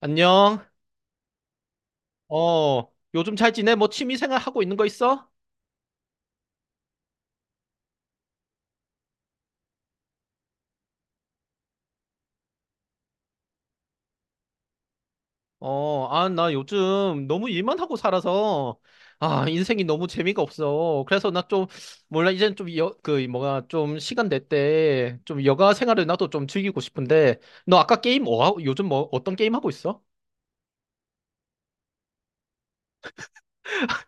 안녕. 어, 요즘 잘 지내? 뭐 취미 생활 하고 있는 거 있어? 어, 아, 나 요즘 너무 일만 하고 살아서, 아, 인생이 너무 재미가 없어. 그래서 나 좀, 몰라, 이젠 좀, 여, 그, 뭐가 좀 시간 될 때, 좀 여가 생활을 나도 좀 즐기고 싶은데, 너 아까 게임 뭐, 요즘 뭐, 어떤 게임 하고 있어?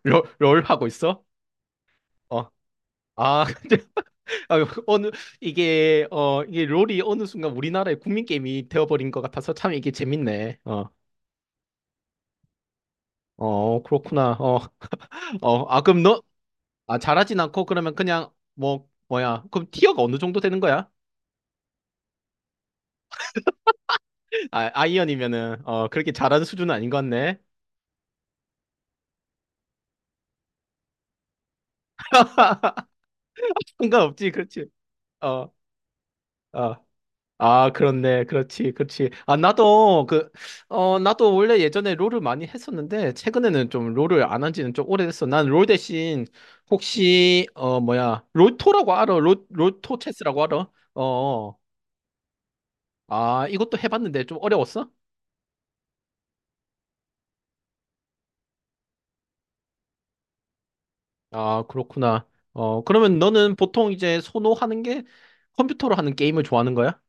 롤 하고 있어? 어. 아, 근데, 아, 어느, 이게, 어, 이게 롤이 어느 순간 우리나라의 국민 게임이 되어버린 것 같아서 참 이게 재밌네. 어. 어, 그렇구나. 어, 어, 아, 그럼 너, 아, 잘하진 않고, 그러면 그냥, 뭐, 뭐야. 그럼 티어가 어느 정도 되는 거야? 아, 아이언이면은, 어, 그렇게 잘하는 수준은 아닌 것 같네. 상관없지, 그렇지. 어, 어. 아, 그렇네. 그렇지, 그렇지. 아, 나도, 그, 어, 나도 원래 예전에 롤을 많이 했었는데, 최근에는 좀 롤을 안 한 지는 좀 오래됐어. 난 롤 대신, 혹시, 어, 뭐야. 롤토라고 알아? 롤토 체스라고 알아? 어, 어. 아, 이것도 해봤는데 좀 어려웠어? 아, 그렇구나. 어, 그러면 너는 보통 이제 선호하는 게 컴퓨터로 하는 게임을 좋아하는 거야?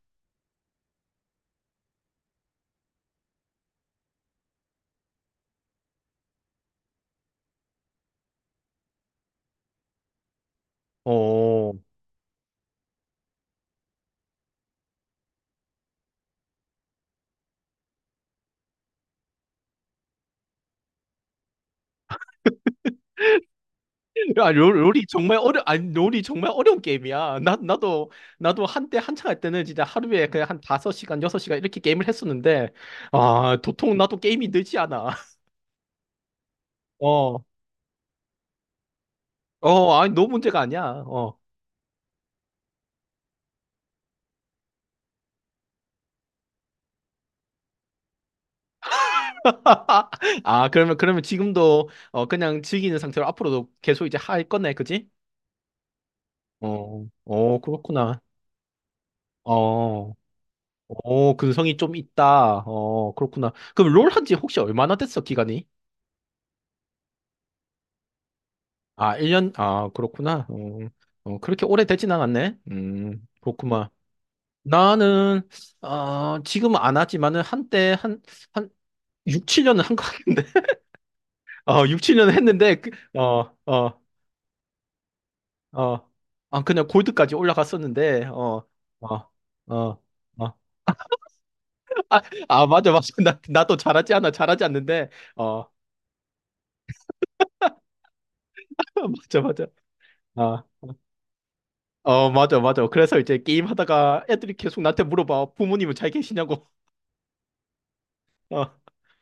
어. 야, 롤, 롤이 정말 어려, 아니, 롤이 정말 어려운 게임이야. 나도, 나도 한때 한창 할 때는 진짜 하루에 그냥 한 5시간, 6시간 이렇게 게임을 했었는데, 아, 도통 나도 게임이 늘지 않아. 어. 어, 아니, 너 문제가 아니야. 어. 아, 그러면, 그러면 지금도, 어, 그냥 즐기는 상태로 앞으로도 계속 이제 할 거네, 그지? 어, 어, 그렇구나. 어. 오, 근성이 좀 있다. 어, 그렇구나. 그럼 롤 한지 혹시 얼마나 됐어, 기간이? 아, 1년? 아, 그렇구나. 어, 어, 그렇게 오래 되진 않았네. 그렇구만. 나는, 어, 지금 안 하지만은 한때 한, 한 6, 7년은 한 것 같은데. 어, 6, 7년 했는데, 그, 어, 어, 어. 아, 그냥 골드까지 올라갔었는데, 어, 어, 어. 어. 아, 아, 맞아, 맞아. 나도 잘하지 않아. 잘하지 않는데, 어, 맞아, 맞아. 어. 어, 맞아, 맞아. 그래서 이제 게임 하다가 애들이 계속 나한테 물어봐. 부모님은 잘 계시냐고. 어,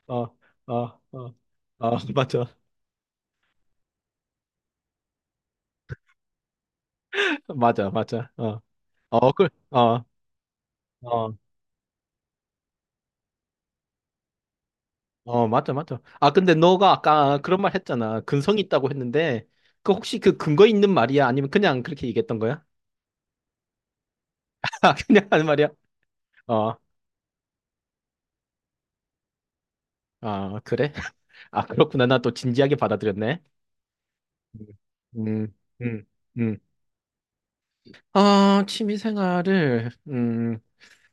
어, 어, 어, 어, 맞아. 맞아, 맞아. 어, 어, 그, 어, 어, 어, 맞아, 맞아. 아, 근데 너가 아까 그런 말 했잖아. 근성이 있다고 했는데, 그 혹시 그 근거 있는 말이야? 아니면 그냥 그렇게 얘기했던 거야? 아, 그냥 하는 말이야? 어, 아, 그래? 아, 그렇구나. 나 또 진지하게 받아들였네. 음, 음, 음. 아, 취미 생활을,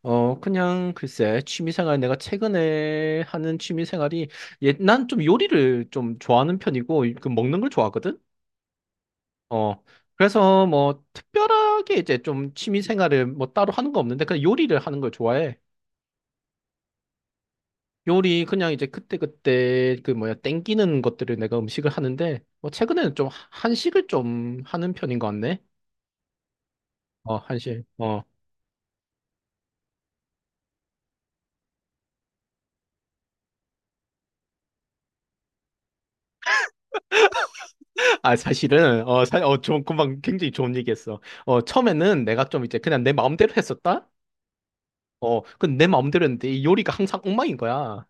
어, 그냥 글쎄, 취미생활, 내가 최근에 하는 취미생활이, 예, 난 좀 요리를 좀 좋아하는 편이고, 그 먹는 걸 좋아하거든? 어, 그래서 뭐, 특별하게 이제 좀 취미생활을 뭐 따로 하는 거 없는데, 그냥 요리를 하는 걸 좋아해. 요리, 그냥 이제 그때그때 그 뭐야, 땡기는 것들을 내가 음식을 하는데, 뭐, 최근에는 좀 한식을 좀 하는 편인 것 같네. 어, 한식. 어. 아, 사실은, 어, 어, 좀 금방 굉장히 좋은 얘기했어. 어, 처음에는 내가 좀 이제 그냥 내 마음대로 했었다? 어, 근데 내 마음대로 했는데 이 요리가 항상 엉망인 거야.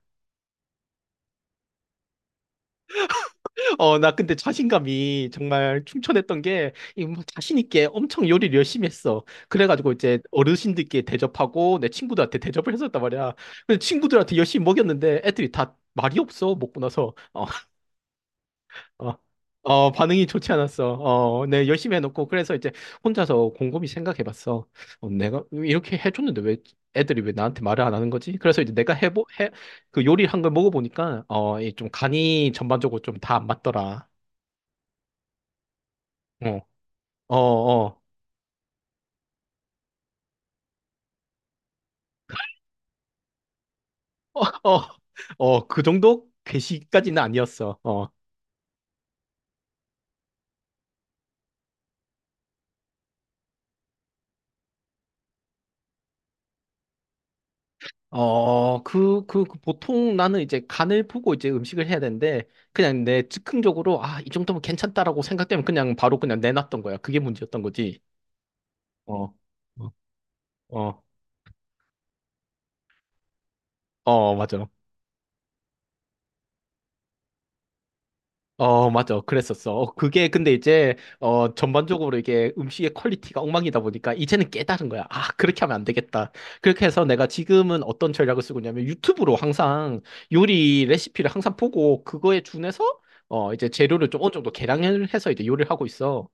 어, 나 근데 자신감이 정말 충천했던 게, 이뭐 자신 있게 엄청 요리를 열심히 했어. 그래가지고 이제 어르신들께 대접하고 내 친구들한테 대접을 했었단 말이야. 근데 친구들한테 열심히 먹였는데 애들이 다 말이 없어, 먹고 나서. 어, 어, 어, 반응이 좋지 않았어. 어, 네, 열심히 해놓고, 그래서 이제 혼자서 곰곰이 생각해봤어. 어, 내가 이렇게 해줬는데 왜 애들이 왜 나한테 말을 안 하는 거지? 그래서 이제 내가 그 요리를 한 걸 먹어보니까, 어, 이 좀 간이 전반적으로 좀 다 안 맞더라. 어, 어, 어, 어, 어, 어, 그 정도? 괘씸까지는 아니었어. 어. 어, 그 보통 나는 이제 간을 보고 이제 음식을 해야 되는데, 그냥 내 즉흥적으로, 아, 이 정도면 괜찮다라고 생각되면 그냥 바로 그냥 내놨던 거야. 그게 문제였던 거지. 어, 어, 어, 어, 맞아. 어, 맞아. 그랬었어. 어, 그게 근데 이제, 어, 전반적으로 이게 음식의 퀄리티가 엉망이다 보니까 이제는 깨달은 거야. 아, 그렇게 하면 안 되겠다. 그렇게 해서 내가 지금은 어떤 전략을 쓰고 있냐면 유튜브로 항상 요리 레시피를 항상 보고 그거에 준해서 어, 이제 재료를 좀 어느 정도 계량을 해서 이제 요리를 하고 있어.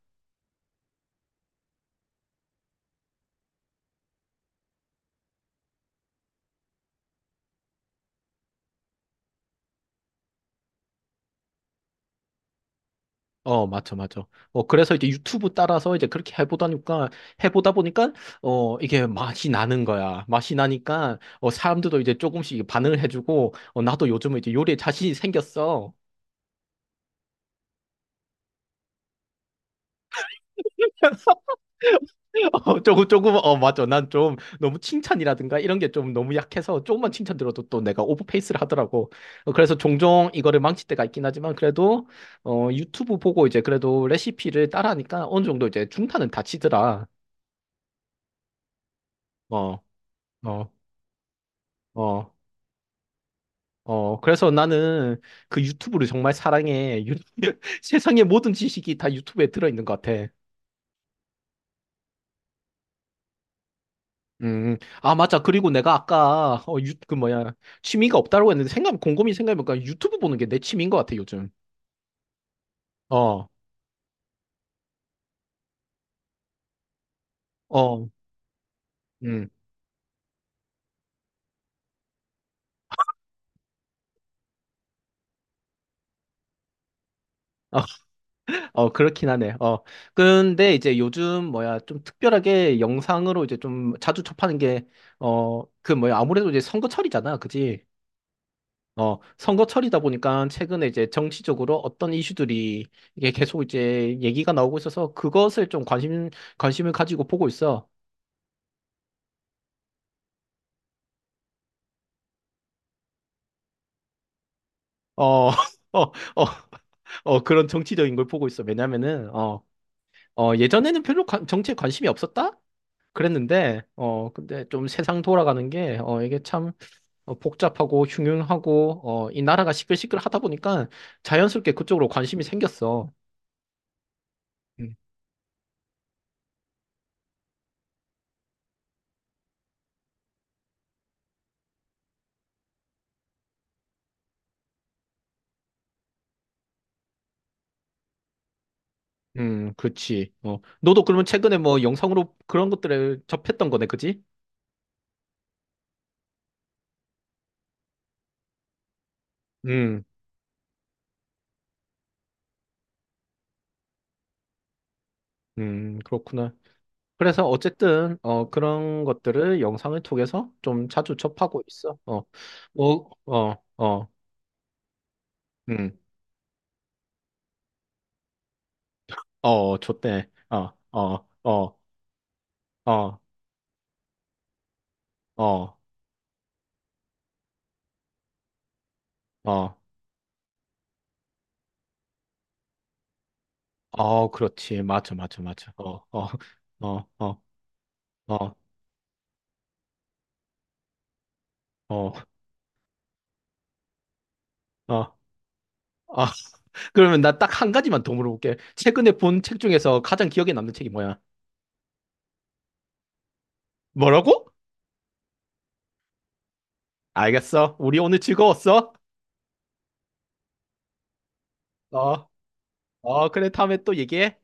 어, 맞죠, 맞죠. 어, 그래서 이제 유튜브 따라서 이제 그렇게 해보다니까, 해보다 보니까, 어, 이게 맛이 나는 거야. 맛이 나니까, 어, 사람들도 이제 조금씩 반응을 해주고, 어, 나도 요즘에 이제 요리에 자신이 생겼어. 어, 조금, 조금, 어, 맞죠. 난 좀 너무 칭찬이라든가 이런 게 좀 너무 약해서 조금만 칭찬 들어도 또 내가 오버페이스를 하더라고. 어, 그래서 종종 이거를 망칠 때가 있긴 하지만 그래도, 어, 유튜브 보고 이제 그래도 레시피를 따라하니까 어느 정도 이제 중탄은 다치더라. 어, 어. 어, 어, 그래서 나는 그 유튜브를 정말 사랑해. 세상의 모든 지식이 다 유튜브에 들어있는 것 같아. 아, 맞아. 그리고 내가 아까, 어, 유, 그 뭐야, 취미가 없다고 했는데, 생각, 곰곰이 생각해보니까 유튜브 보는 게 내 취미인 것 같아, 요즘. 어, 어, 음. 어, 그렇긴 하네. 어. 근데 이제 요즘 뭐야, 좀 특별하게 영상으로 이제 좀 자주 접하는 게, 어, 그 뭐야, 아무래도 이제 선거철이잖아. 그지? 어, 선거철이다 보니까 최근에 이제 정치적으로 어떤 이슈들이 이게 계속 이제 얘기가 나오고 있어서 그것을 좀 관심을 가지고 보고 있어. 어, 어, 어, 어, 그런 정치적인 걸 보고 있어. 왜냐면은, 어, 어, 예전에는 별로 정치에 관심이 없었다? 그랬는데, 어, 근데 좀 세상 돌아가는 게, 어, 이게 참 어, 복잡하고 흉흉하고, 어, 이 나라가 시끌시끌 하다 보니까 자연스럽게 그쪽으로 관심이 생겼어. 그치. 어, 너도 그러면 최근에 뭐 영상으로 그런 것들을 접했던 거네, 그지? 음, 그렇구나. 그래서 어쨌든, 어, 그런 것들을 영상을 통해서 좀 자주 접하고 있어. 어, 뭐, 어, 어, 음, 어, 좋대. 어, 어, 어, 어, 어, 어, 어, 그렇지. 맞아, 맞아, 맞아. 어, 어, 어, 어, 어, 어, 어. 아, 그러면 나 딱 한 가지만 더 물어볼게. 최근에 본 책 중에서 가장 기억에 남는 책이 뭐야? 뭐라고? 알겠어. 우리 오늘 즐거웠어? 어, 어, 그래. 다음에 또 얘기해.